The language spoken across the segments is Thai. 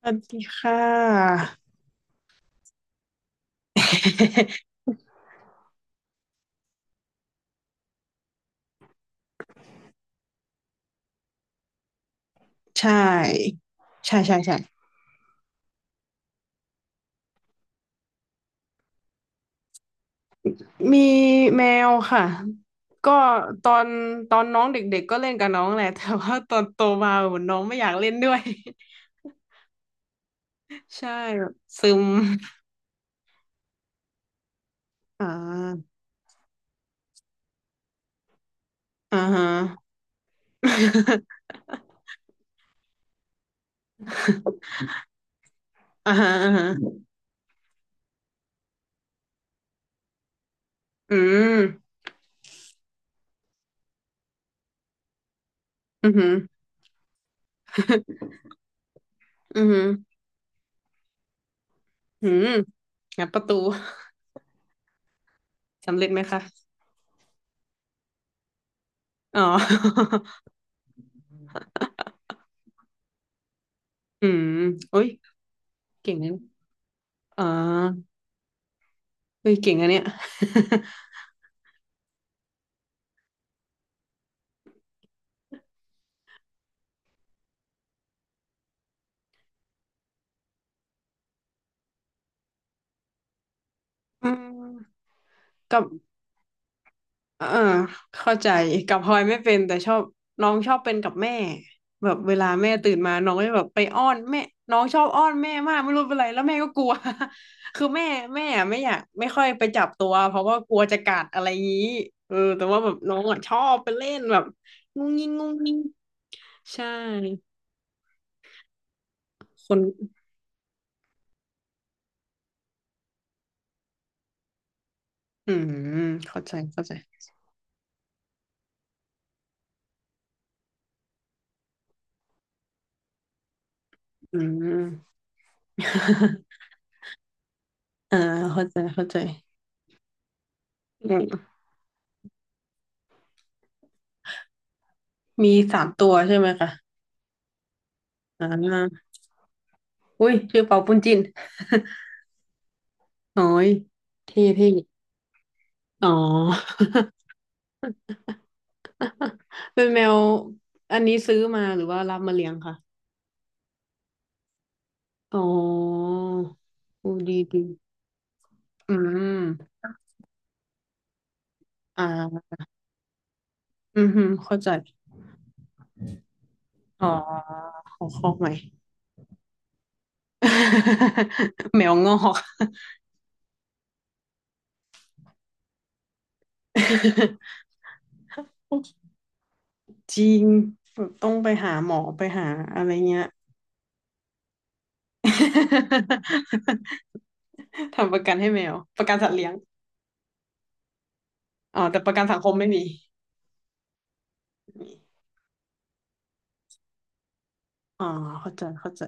สวัสดีค่ะ ใช่ใช่ใช่ใช่มีแมวค่ะก็ตอนตอนน้องเด็กๆก็เล่นกับน้องแหละแต่ว่าตอนโตมาเหมือนน้องไม่อยากเล่นด้วย ใช่แบบซึมอ่าอ่าฮะ อ่าฮะอ่าฮะอืมอือหือ อือหืออืมงัดประตูสำเร็จไหมคะอ๋อ อืมโอ้ยเก่งนะอ่าเฮ้ยเก่งอันเนี้ย อืม กับเออเข้าใจกับพลอยไม่เป็นแต่ชอบน้องชอบเป็นกับแม่แบบเวลาแม่ตื่นมาน้องก็จะแบบไปอ้อนแม่น้องชอบอ้อนแม่มากไม่รู้เป็นไรแล้วแม่ก็กลัว คือแม่แม่อะไม่อยากไม่ค่อยไปจับตัวเพราะว่ากลัวจะกัดอะไรงี้แต่ว่าแบบน้องอ่ะชอบไปเล่นแบบงุ้งงิ้งงุ้งงิ้งใช่คนอืมเข้าใจเข้าใจอืม อ่าเข้าใจเข้าใจอืมมีสามตัวใช่ไหมคะอ่า อุ้ยชื่อเปาปุ้นจินโอ้ยเท่เท่อ๋อ เป็นแมวอันนี้ซื้อมาหรือว่ารับมาเลี้ยงคะอ๋ออูดีดีอืมอ่าอืมฮึเข้าใจอ๋อขอคอกใหม่ แมวงอก จริงแบบต้องไปหาหมอไปหาอะไรเงี้ย ทำประกันให้แมวประกันสัตว์เลี้ยงอ๋อแต่ประกันสังคมไม่มีอ๋อเข้าใจเข้าใจ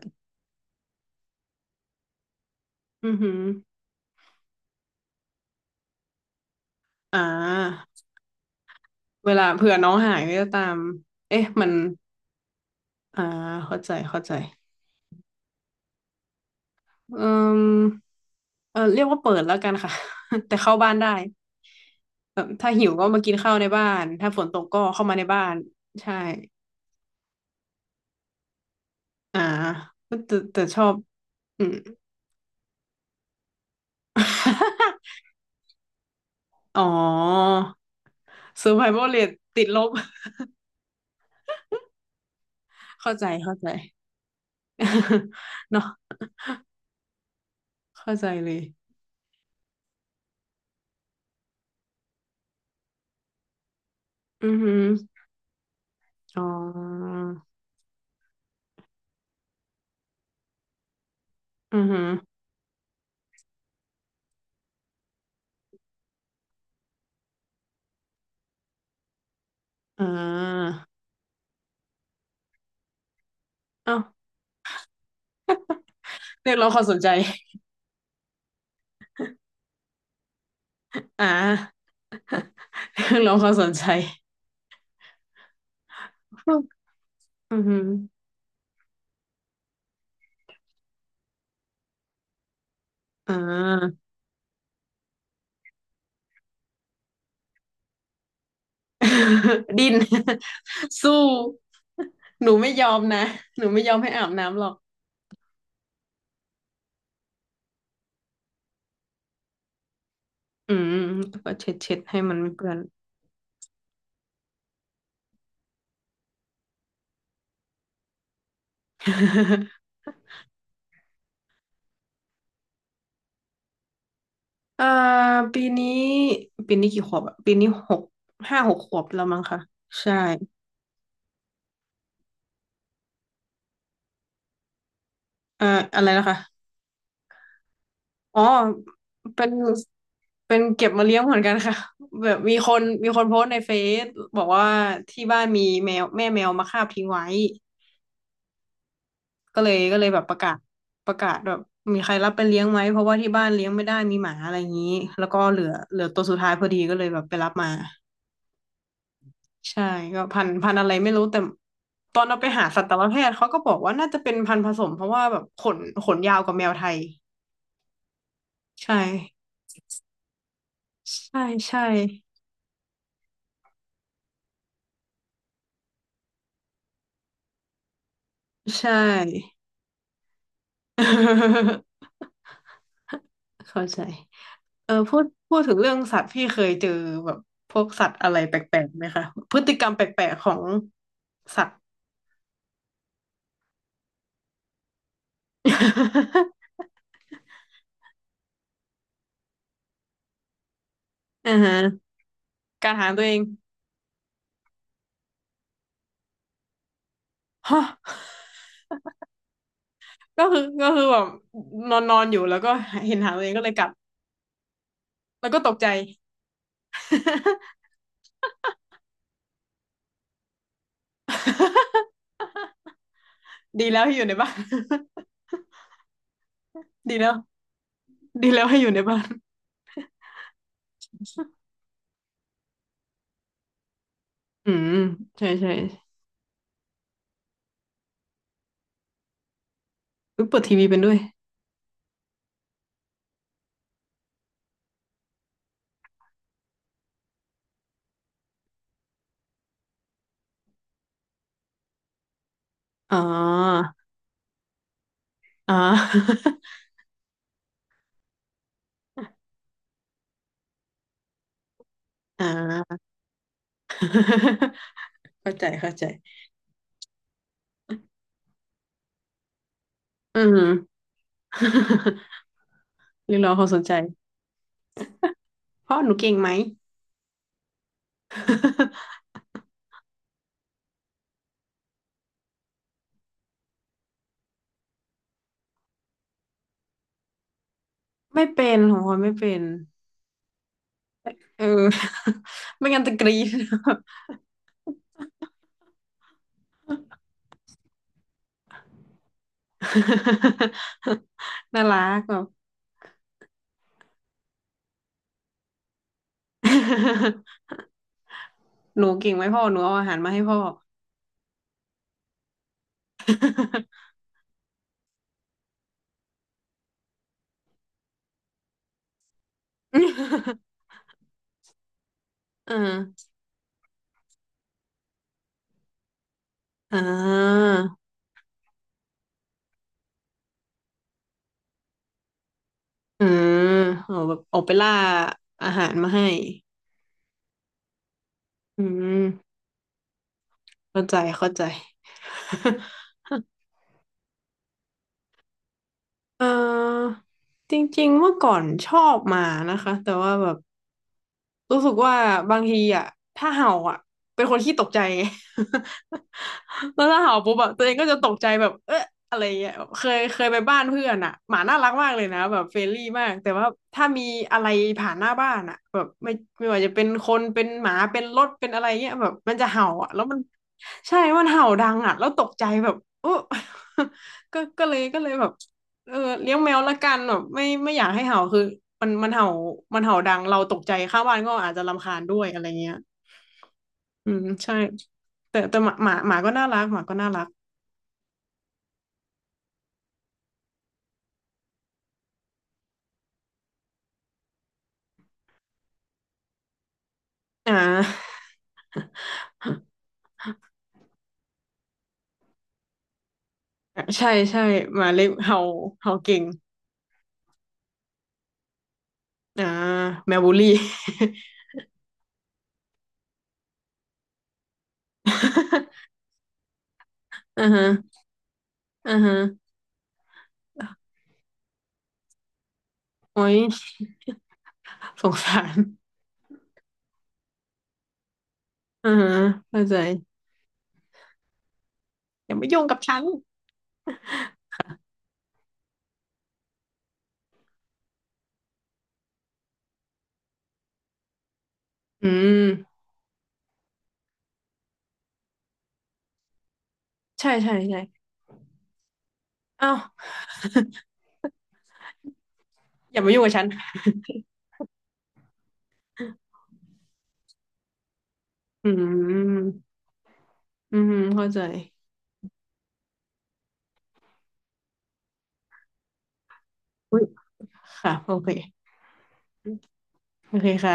อือหืออ่าเวลาเผื่อน้องหายก็จะตาม เอ๊ะมันอ่าเข้าใจเข้าใจอืมเรียกว่าเปิดแล้วกันค่ะ แต่เข้าบ้านได้แบบถ้าหิวก็มากินข้าวในบ้าน ถ้าฝนตกก็เข้ามาในบ้าน ใช่อ่าแต่แต่ชอบอืม อ๋อ survival rate ติดลบ เข้าใจเข้าใจ เนาะเข้าใจเลยอือหืออ๋ออือหืออ่า เอ้าเรียกร้องความสนใจอ่าเรียกร้องความสนใจอือหืออ่า ดิ้น สู้หนูไม่ยอมนะหนูไม่ยอมให้อาบน้ำหรอกอืมแล้วก็เช็ดเช็ดให้มันไม่เปื้อน อ่าปีนี้ปีนี้กี่ขวบอะปีนี้หกห้าหกขวบแล้วมั้งคะใช่เอ่ออะไรนะคะ อ๋อเป็นเป็นเก็บมาเลี้ยงเหมือนกันค่ะ แบบมีคนมีคนโพสต์ในเฟซบอกว่าที่บ้านมีแมวแม่แมวมาคาบทิ้งไว้ก็เลยก็เลยแบบประกาศประกาศแบบมีใครรับไปเลี้ยงไหมเพราะว่าที่บ้านเลี้ยงไม่ได้มีหมาอะไรอย่างนี้แล้วก็เหลือเหลือตัวสุดท้ายพอดีก็เลยแบบไปรับมาใช่ก็พันธุ์พันธุ์อะไรไม่รู้แต่ตอนเราไปหาสัตวแพทย์เขาก็บอกว่าน่าจะเป็นพันธุ์ผสมเพราะว่าแบบขนขนยาวกว่าแมวไทยใช่ใช่ใช่ใช่ เข้าใจพูดพูดถึงเรื่องสัตว์พี่เคยเจอแบบพวกสัตว์อะไรแปลกๆไหมคะพฤติกรรมแปลกๆของสัตว์ อ่าฮะการหาตัวเองฮะก็คือก็คือแบบนอนนอนอยู่แล้วก็เห็นหางตัวเองก็เลยกัดแล้วก็ตกใจ ดีแล้วให้อยู่ในบ้าน ดีแล้วดีแล้วให้อยู่ในบ้านอืมใช่ใช่อุ๊ยเปิดทีวีเป็นด้วยอ๋ออ๋อ อ๋อ เข้าใจเข้าใจอือหือ เรียกร้องความสนใจเพราะหนูเก่งไหม ไม่เป็นของพลอยไม่เป็นเออ ไม่งั้นจะกรี๊ด น่ารักแบบ หนูเก่งไหมพ่อหนูเอาอาหารมาให้พ่อ อ่าอ่าอืมเอาแบบออกไปล่าอาหารมาให้อืมเข้าใจเข้าใจ เออจริงๆเมื่อก่อนชอบหมานะคะแต่ว่าแบบรู้สึกว่าบางทีอ่ะถ้าเห่าอ่ะเป็นคนขี้ตกใจ ไงแล้วถ้าเห่าปุ๊บแบบตัวเองก็จะตกใจแบบเอ๊ะอะไรเงี้ยเคยเคยไปบ้านเพื่อนอ่ะหมาน่ารักมากเลยนะแบบเฟรนลี่มากแต่ว่าถ้ามีอะไรผ่านหน้าบ้านอ่ะแบบไม่ไม่ว่าจะเป็นคนเป็นหมาเป็นรถเป็นอะไรเงี้ยแบบมันจะเห่าอ่ะแล้วมันใช่มันเห่าดังอ่ะแล้วตกใจแบบโอ้ ก็ก็เลยก็เลยแบบ เลี้ยงแมวละกันแบบไม่ไม่อยากให้เห่าคือมันมันเห่ามันเห่าดังเราตกใจข้างบ้านก็อาจจะรำคาญด้วยอะไรเงี้ยอืมใช่แต่แต่หมาหมาหมาก็น่ารักหมาก็น่ารักอ่า ใช่ใช่หมาเล็กเห่าเห่าเก่งอ่าแมวบูลลี่ อ่าฮะอ่าฮะโอ้ยสงสารอ่าฮะเข้าใจอย่ามายุ่งกับฉันอืมใช่ใช่ใช่อ้าวอย่ามายุ่งกับฉันอืมอืมเข้าใจอุ๊ย ค่ะโอเคโอเคค่ะ